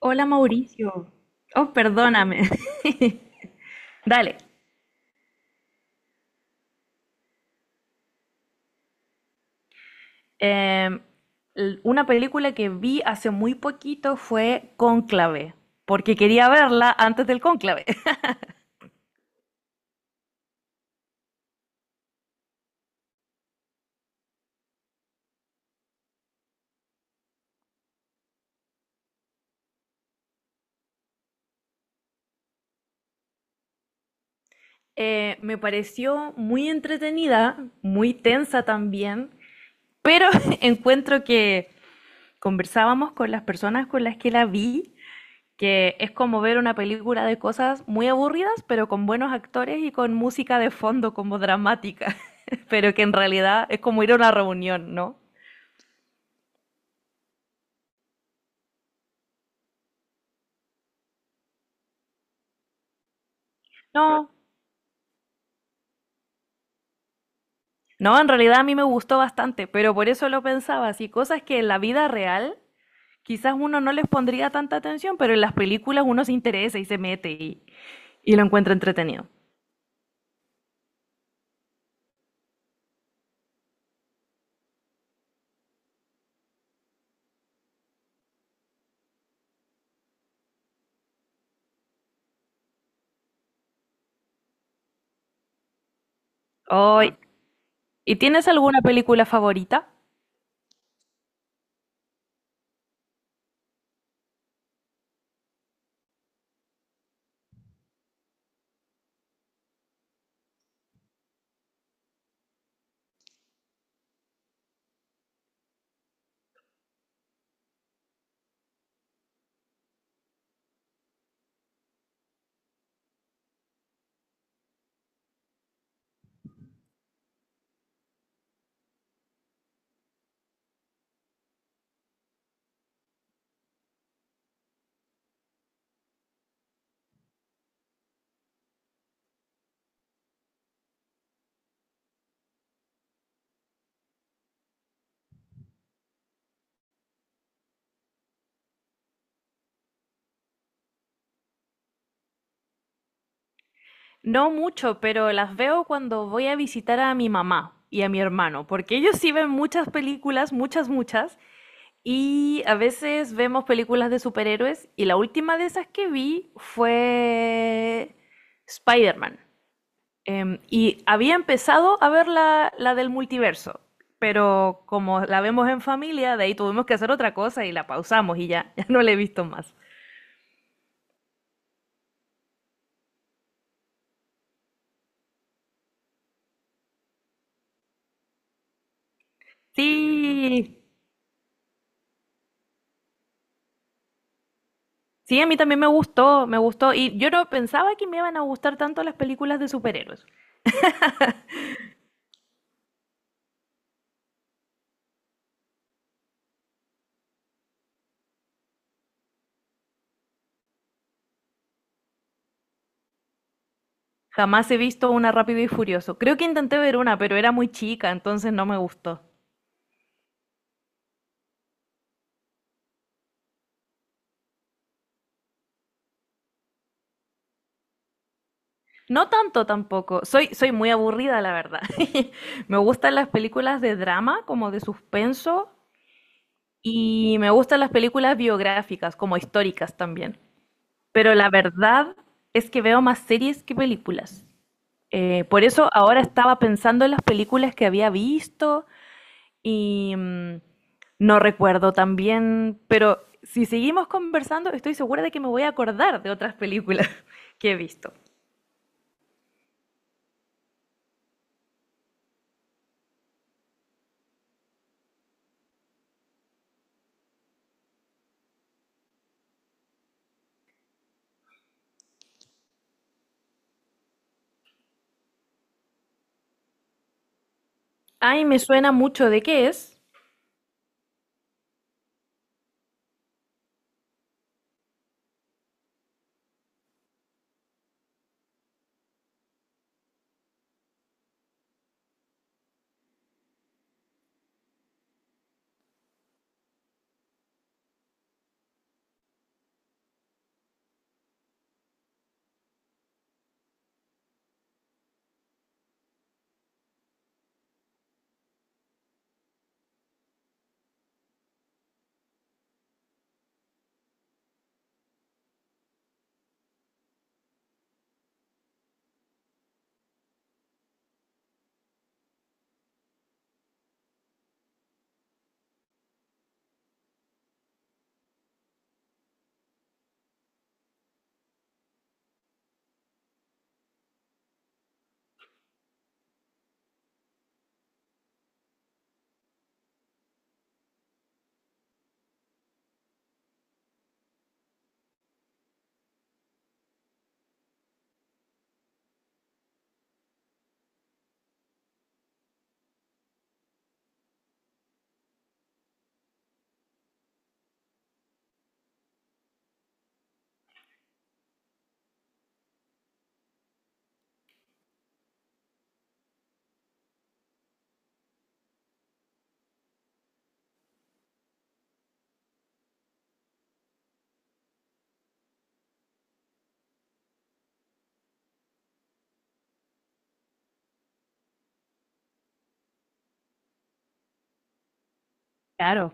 Hola, Mauricio. Oh, perdóname. Dale. Em, una película que vi hace muy poquito fue Cónclave, porque quería verla antes del cónclave. Me pareció muy entretenida, muy tensa también, pero encuentro que conversábamos con las personas con las que la vi, que es como ver una película de cosas muy aburridas, pero con buenos actores y con música de fondo como dramática, pero que en realidad es como ir a una reunión, ¿no? No, no, en realidad a mí me gustó bastante, pero por eso lo pensaba, así cosas que en la vida real quizás uno no les pondría tanta atención, pero en las películas uno se interesa y se mete y lo encuentra entretenido. Hoy, ¿y tienes alguna película favorita? No mucho, pero las veo cuando voy a visitar a mi mamá y a mi hermano, porque ellos sí ven muchas películas, muchas, muchas, y a veces vemos películas de superhéroes, y la última de esas que vi fue Spider-Man. Y había empezado a ver la del multiverso, pero como la vemos en familia, de ahí tuvimos que hacer otra cosa y la pausamos y ya, ya no la he visto más. Sí, sí, a mí también me gustó, me gustó. Y yo no pensaba que me iban a gustar tanto las películas de superhéroes. Jamás he visto una Rápido y Furioso. Creo que intenté ver una, pero era muy chica, entonces no me gustó. No tanto tampoco. Soy muy aburrida, la verdad. Me gustan las películas de drama, como de suspenso, y me gustan las películas biográficas, como históricas también. Pero la verdad es que veo más series que películas. Por eso ahora estaba pensando en las películas que había visto. Y no recuerdo también, pero si seguimos conversando, estoy segura de que me voy a acordar de otras películas que he visto. Ay, me suena mucho de qué es. Claro.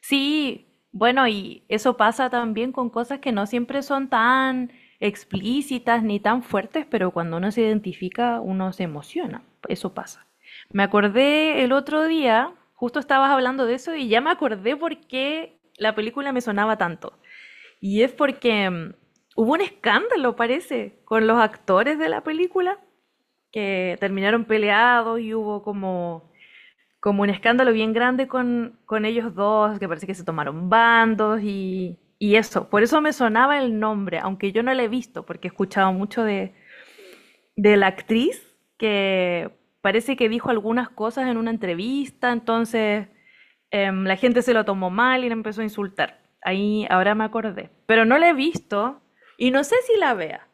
Sí, bueno, y eso pasa también con cosas que no siempre son tan explícitas ni tan fuertes, pero cuando uno se identifica, uno se emociona. Eso pasa. Me acordé el otro día, justo estabas hablando de eso y ya me acordé por qué la película me sonaba tanto. Y es porque hubo un escándalo, parece, con los actores de la película, que terminaron peleados y hubo como, como un escándalo bien grande con ellos dos, que parece que se tomaron bandos y eso. Por eso me sonaba el nombre, aunque yo no la he visto, porque he escuchado mucho de la actriz que parece que dijo algunas cosas en una entrevista, entonces la gente se lo tomó mal y la empezó a insultar. Ahí, ahora me acordé. Pero no la he visto y no sé si la vea.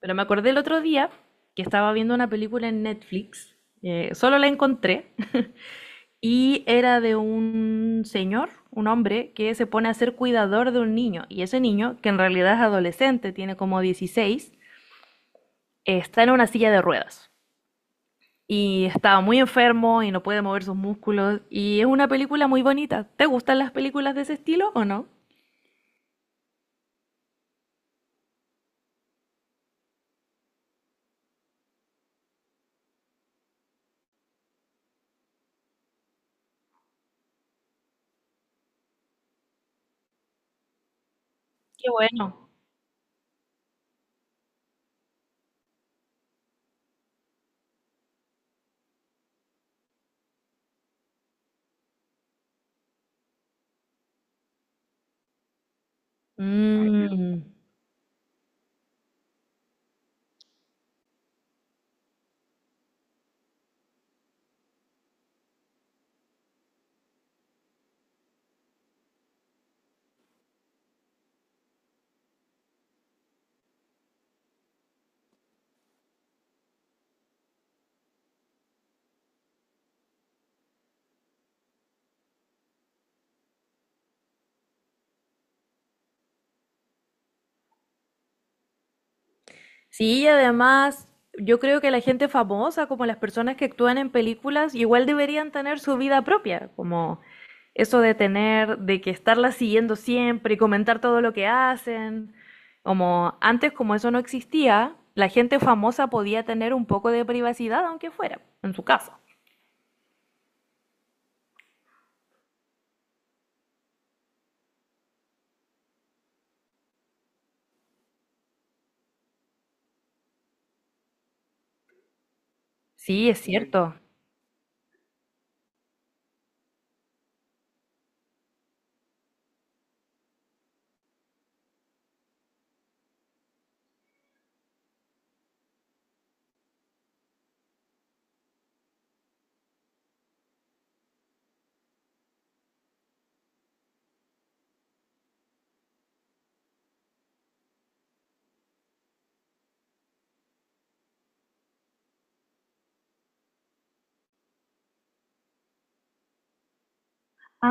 Pero me acordé el otro día que estaba viendo una película en Netflix. Solo la encontré. Y era de un señor, un hombre, que se pone a ser cuidador de un niño. Y ese niño, que en realidad es adolescente, tiene como 16, está en una silla de ruedas. Y está muy enfermo y no puede mover sus músculos. Y es una película muy bonita. ¿Te gustan las películas de ese estilo o no? Qué bueno. Mm. Sí, y además, yo creo que la gente famosa, como las personas que actúan en películas, igual deberían tener su vida propia, como eso de tener, de que estarla siguiendo siempre y comentar todo lo que hacen. Como antes, como eso no existía, la gente famosa podía tener un poco de privacidad, aunque fuera en su casa. Sí, es cierto.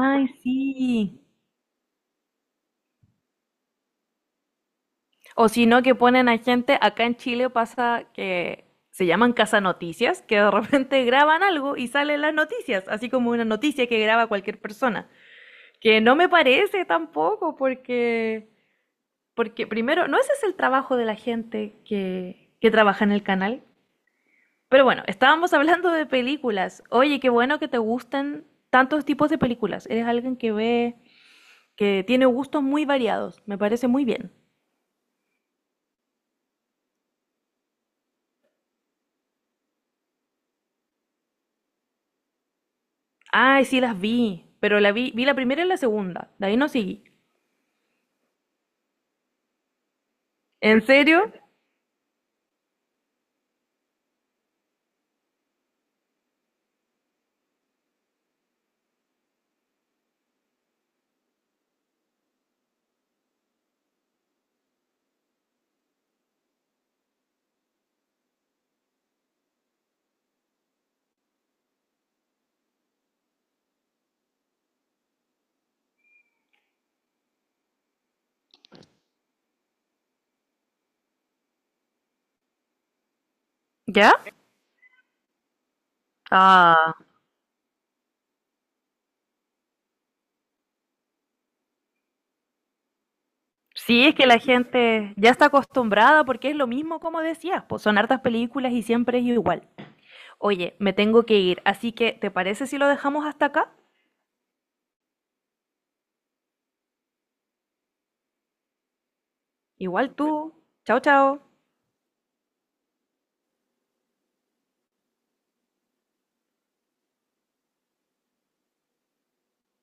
Ay, sí. O si no, que ponen a gente, acá en Chile pasa que se llaman Casa Noticias, que de repente graban algo y salen las noticias, así como una noticia que graba cualquier persona. Que no me parece tampoco, porque, porque primero, no ese es el trabajo de la gente que trabaja en el canal. Pero bueno, estábamos hablando de películas. Oye, qué bueno que te gusten tantos tipos de películas. Eres alguien que ve, que tiene gustos muy variados. Me parece muy bien. Ay, sí las vi, pero vi la primera y la segunda, de ahí no seguí. ¿En serio? ¿Ya? Ah, sí, es que la gente ya está acostumbrada porque es lo mismo como decías, pues son hartas películas y siempre es igual. Oye, me tengo que ir, así que ¿te parece si lo dejamos hasta acá? Igual tú. Chao, chao.